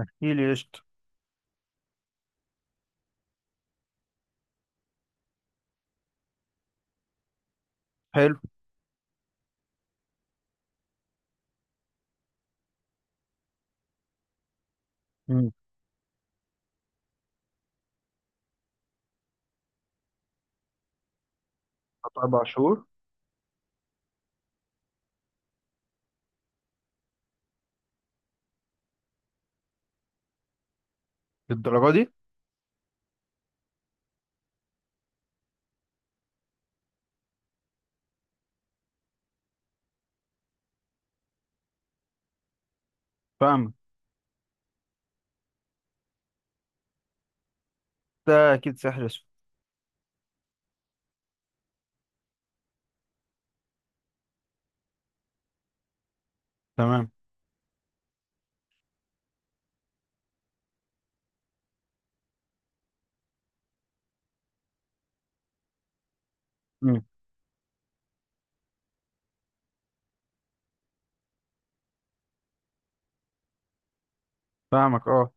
احكي لي قشطة. حلو. مم. قطع 4 شهور. للدرجة دي. فاهمك. ده أكيد سحر أسود. تمام. مم. فاهمك، أه.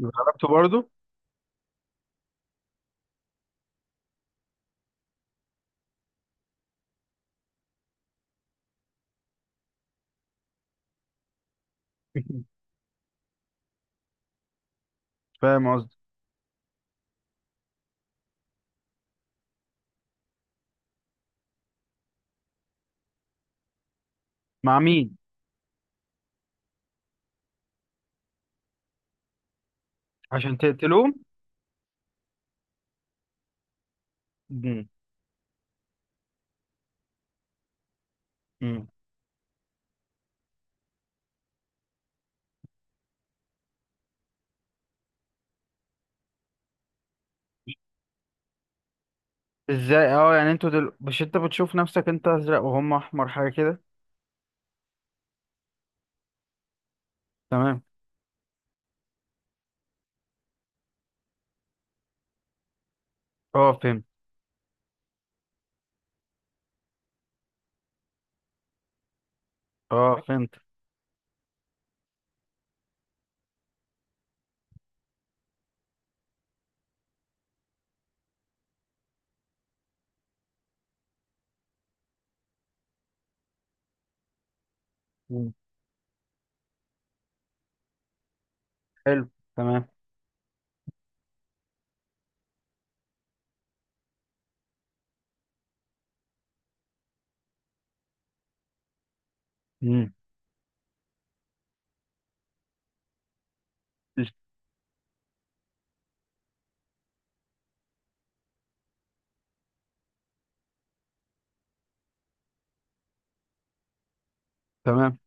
ضربته برضه. فاهم قصدي. مع مين؟ عشان تقتلوه. مم. مم. ازاي؟ اه، يعني انتوا مش انت بتشوف نفسك انت ازرق وهم احمر حاجه كده. تمام. اه، فهمت. اه، فهمت. مم. حلو. تمام. مم. تمام.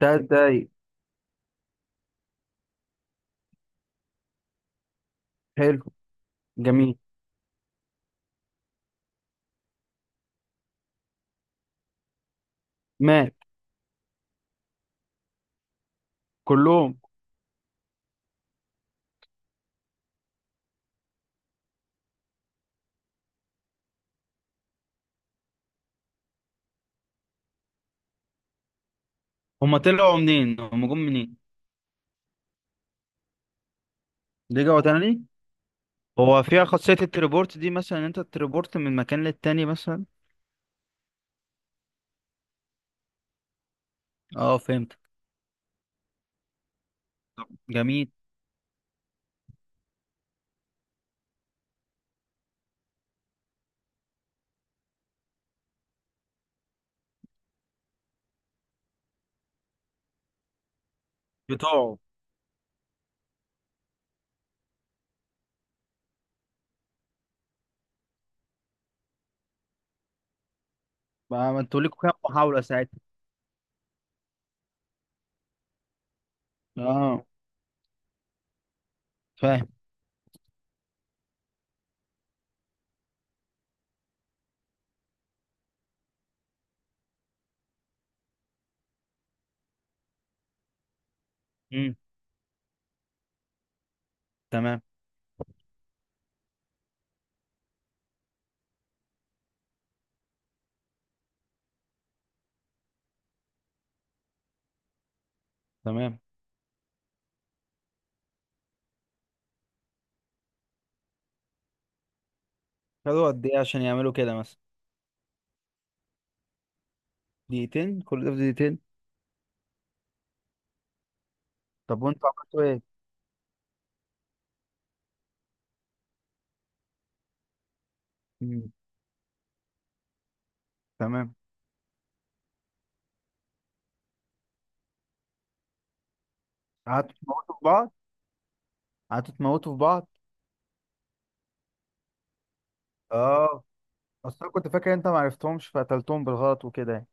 3 دقايق. حلو. جميل. مات كلهم. هما طلعوا منين؟ هما جم منين؟ رجعوا تاني. هو فيها خاصية التليبورت دي مثلا، إن انت تليبورت من مكان للتاني مثلا. اه، فهمت. طب، جميل. بتوعه. بقى ما انتوا ليكوا كام محاولة ساعتها؟ اه، فاهم. امم. تمام. تمام. خدوا قد ايه عشان يعملوا كده مثلا؟ دقيقتين؟ كل ده في دقيقتين؟ طب وانتوا عملتوا ايه؟ امم. تمام. قعدتوا تموتوا في بعض. قعدتوا تموتوا في بعض. اه. اصل أنا كنت فاكر انت ما عرفتهمش فقتلتهم بالغلط وكده يعني.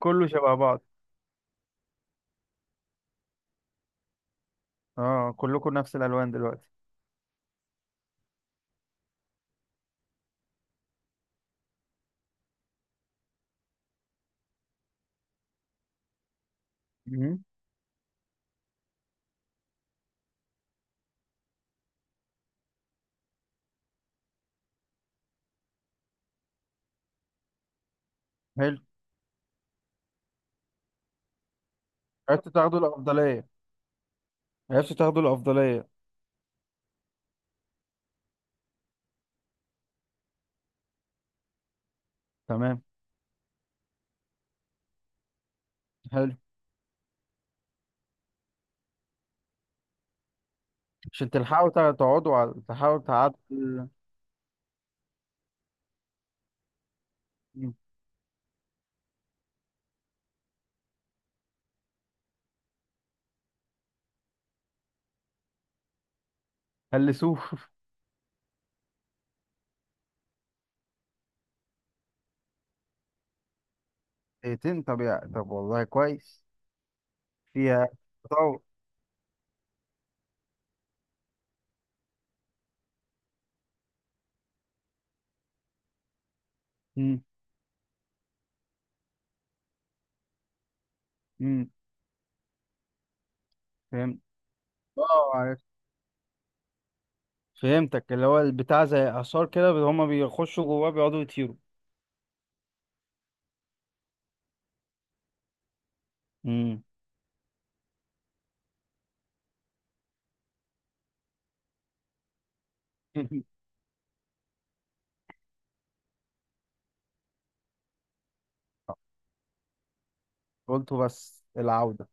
كله شبه بعض. اه، كلكم نفس الالوان دلوقتي. امم. حلو. عرفتوا تاخدوا الافضلية. عرفتوا تاخدوا الأفضلية. تمام. حلو. عشان تلحقوا تقعدوا على تحاولوا تعدوا. مم. هلسوه. دقيقتين؟ طب والله كويس. فيها تطور. مم. مم. فهمت. اه، عرفت. فهمتك، اللي هو البتاع زي آثار كده هما بيخشوا جواه بيقعدوا يطيروا. مم. قلتوا بس العودة.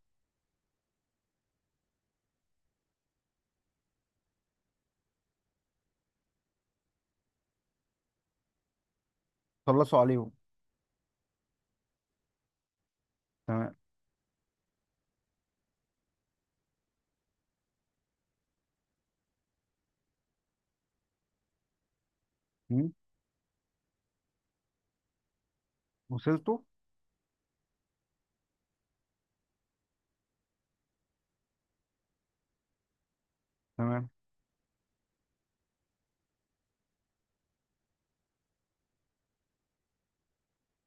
خلصوا عليهم. تمام. مم. وصلتوا. تمام.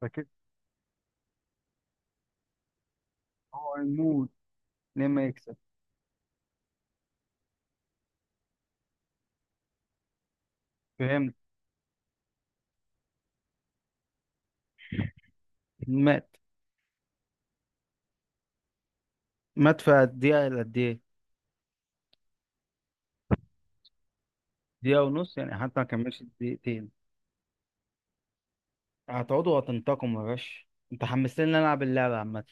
فكده. هو هيموت. لما يكسب. فهمت. مات. مات في قد ايه إلى قد ايه؟ دقيقة ونص؟ يعني حتى ما كملش دقيقتين. هتقعدوا وهتنتقموا يا باشا. انت حمستني ان انا العب اللعبة عامة.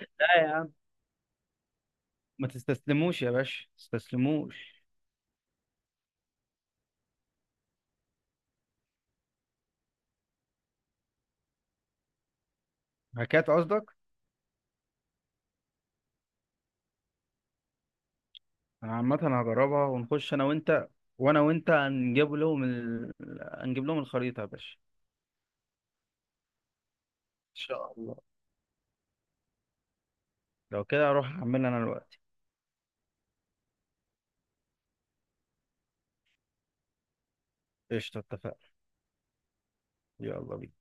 لا يا عم. ما تستسلموش يا باشا. ما تستسلموش. هكات قصدك؟ انا عامة هجربها ونخش انا وانت. وانا وانت هنجيب لهم هنجيب لهم الخريطة يا باشا. ان شاء الله. لو كده اروح اعملها انا دلوقتي. قشطة، اتفقنا. يلا بينا.